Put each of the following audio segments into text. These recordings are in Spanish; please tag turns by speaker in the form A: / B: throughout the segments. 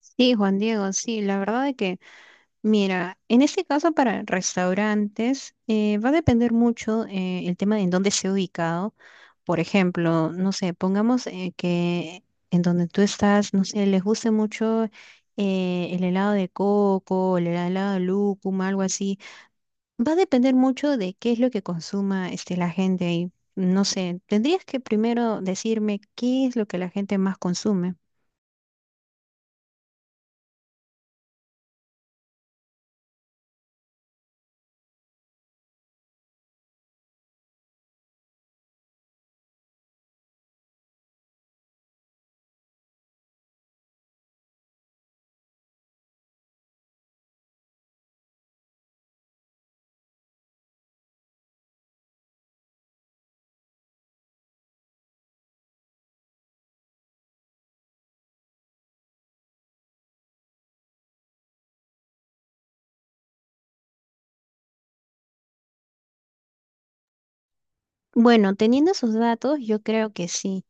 A: Sí, Juan Diego, sí, la verdad es que, mira, en este caso para restaurantes va a depender mucho el tema de en dónde esté ubicado. Por ejemplo, no sé, pongamos que en donde tú estás, no sé, les guste mucho el helado de coco, el helado de lúcuma, algo así. Va a depender mucho de qué es lo que consuma este, la gente ahí. No sé, tendrías que primero decirme qué es lo que la gente más consume. Bueno, teniendo esos datos, yo creo que sí.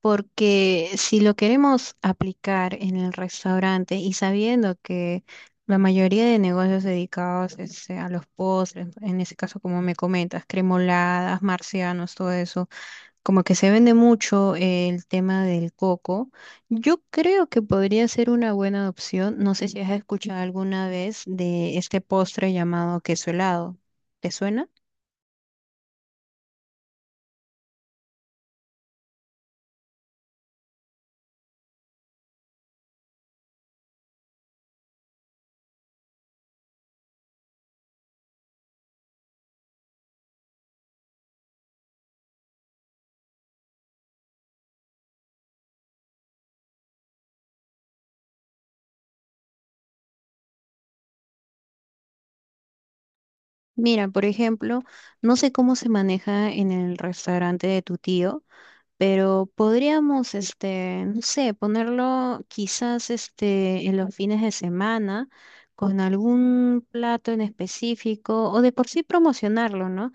A: Porque si lo queremos aplicar en el restaurante y sabiendo que la mayoría de negocios dedicados este, a los postres, en ese caso como me comentas, cremoladas, marcianos, todo eso, como que se vende mucho el tema del coco, yo creo que podría ser una buena opción. No sé si has escuchado alguna vez de este postre llamado queso helado. ¿Te suena? Mira, por ejemplo, no sé cómo se maneja en el restaurante de tu tío, pero podríamos, este, no sé, ponerlo quizás, este, en los fines de semana con algún plato en específico o de por sí promocionarlo, ¿no?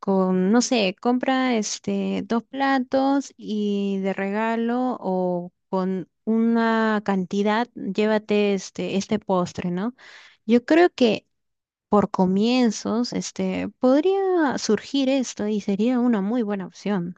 A: Con, no sé, compra, este, dos platos y de regalo o con una cantidad, llévate, este postre, ¿no? Yo creo que por comienzos, este, podría surgir esto y sería una muy buena opción.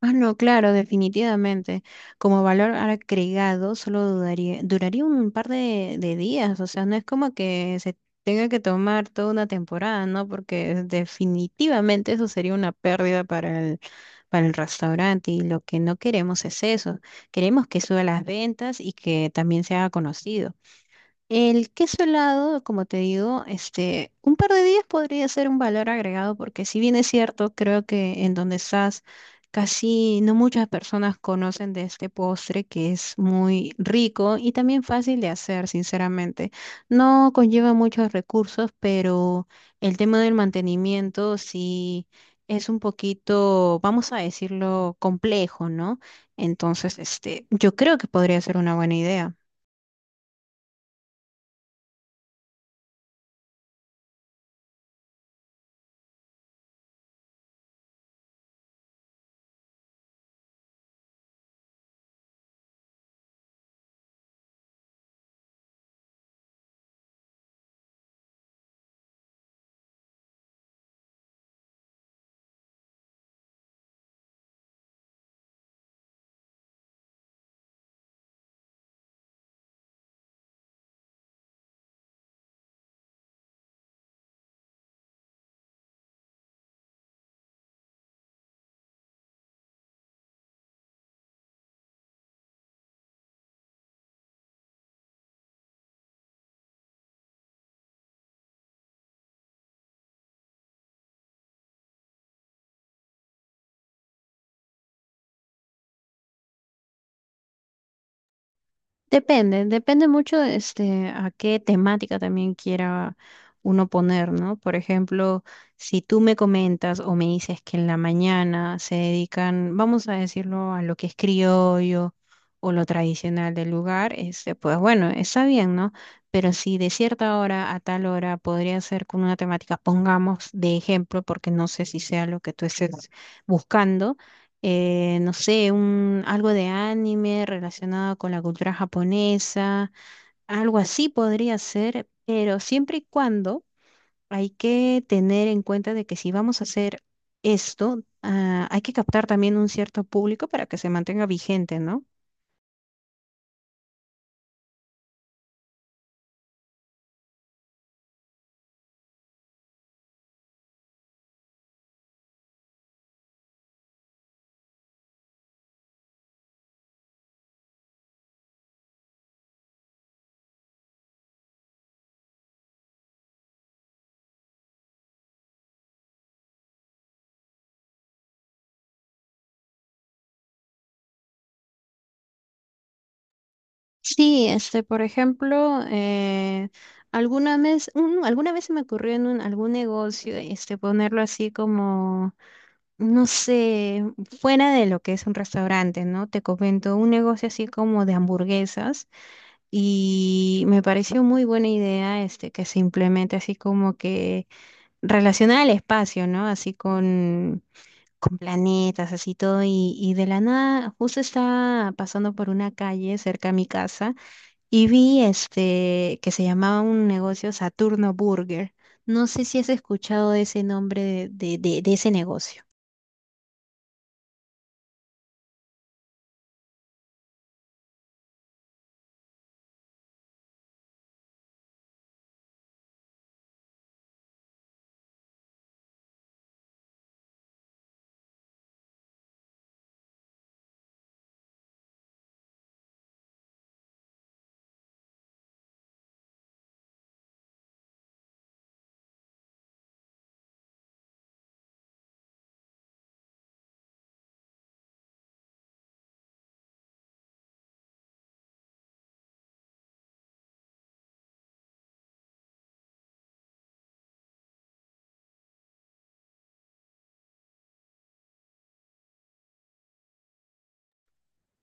A: Ah, no, claro, definitivamente. Como valor agregado, solo duraría un par de días, o sea, no es como que se tenga que tomar toda una temporada, ¿no? Porque definitivamente eso sería una pérdida para el restaurante y lo que no queremos es eso. Queremos que suba las ventas y que también se haga conocido. El queso helado, como te digo, este, un par de días podría ser un valor agregado porque si bien es cierto, creo que en donde estás casi no muchas personas conocen de este postre que es muy rico y también fácil de hacer, sinceramente. No conlleva muchos recursos, pero el tema del mantenimiento sí es un poquito, vamos a decirlo, complejo, ¿no? Entonces, este, yo creo que podría ser una buena idea. Depende, depende mucho este, a qué temática también quiera uno poner, ¿no? Por ejemplo, si tú me comentas o me dices que en la mañana se dedican, vamos a decirlo, a lo que es criollo o lo tradicional del lugar, este, pues bueno, está bien, ¿no? Pero si de cierta hora a tal hora podría ser con una temática, pongamos de ejemplo, porque no sé si sea lo que tú estés buscando no sé, un, algo de anime relacionado con la cultura japonesa, algo así podría ser, pero siempre y cuando hay que tener en cuenta de que si vamos a hacer esto, ah, hay que captar también un cierto público para que se mantenga vigente, ¿no? Sí, este, por ejemplo, alguna vez, alguna vez se me ocurrió en algún negocio, este, ponerlo así como no sé, fuera de lo que es un restaurante, ¿no? Te comento, un negocio así como de hamburguesas y me pareció muy buena idea este que se implemente así como que relacionada al espacio, ¿no? Así con planetas, así todo y de la nada, justo estaba pasando por una calle cerca a mi casa y vi este que se llamaba un negocio Saturno Burger. No sé si has escuchado ese nombre de de ese negocio.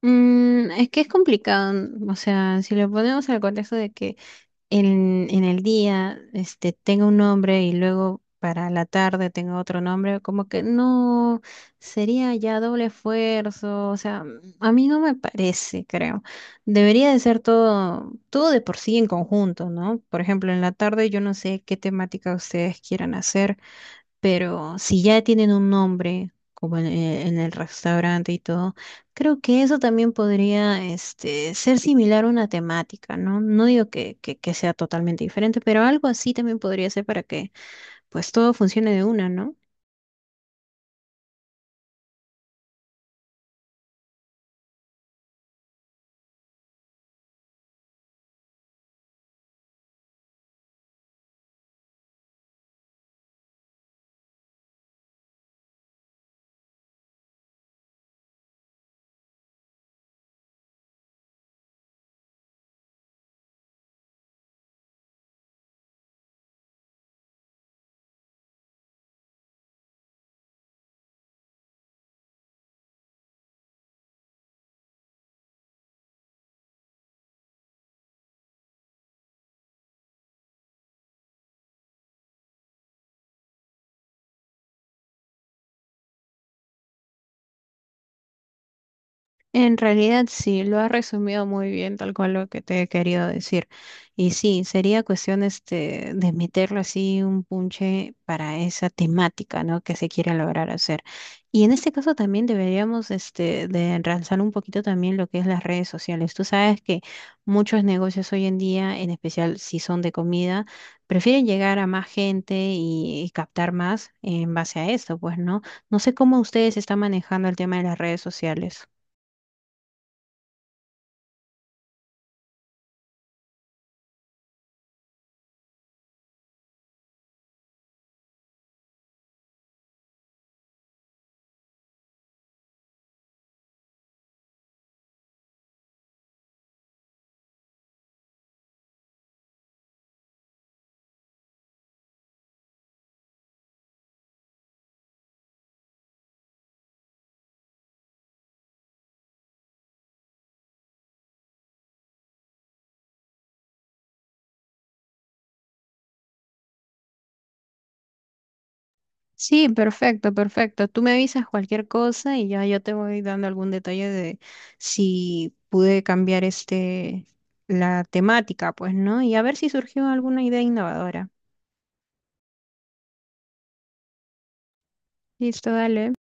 A: Mm, es que es complicado, o sea, si lo ponemos al contexto de que en el día este, tenga un nombre y luego para la tarde tenga otro nombre, como que no, sería ya doble esfuerzo, o sea, mm, a mí no me parece, creo. Debería de ser todo, todo de por sí en conjunto, ¿no? Por ejemplo, en la tarde yo no sé qué temática ustedes quieran hacer. Pero si ya tienen un nombre, como en el restaurante y todo, creo que eso también podría este, ser similar a una temática, ¿no? No digo que, que sea totalmente diferente, pero algo así también podría ser para que pues todo funcione de una, ¿no? En realidad sí, lo has resumido muy bien, tal cual lo que te he querido decir. Y sí, sería cuestión este, de meterle así un punche para esa temática, ¿no? que se quiere lograr hacer. Y en este caso también deberíamos este, de ensalzar un poquito también lo que es las redes sociales. Tú sabes que muchos negocios hoy en día, en especial si son de comida, prefieren llegar a más gente y captar más en base a esto, pues, ¿no? No sé cómo ustedes están manejando el tema de las redes sociales. Sí, perfecto, perfecto. Tú me avisas cualquier cosa y ya yo te voy dando algún detalle de si pude cambiar este la temática, pues, ¿no? Y a ver si surgió alguna idea innovadora. Listo, dale.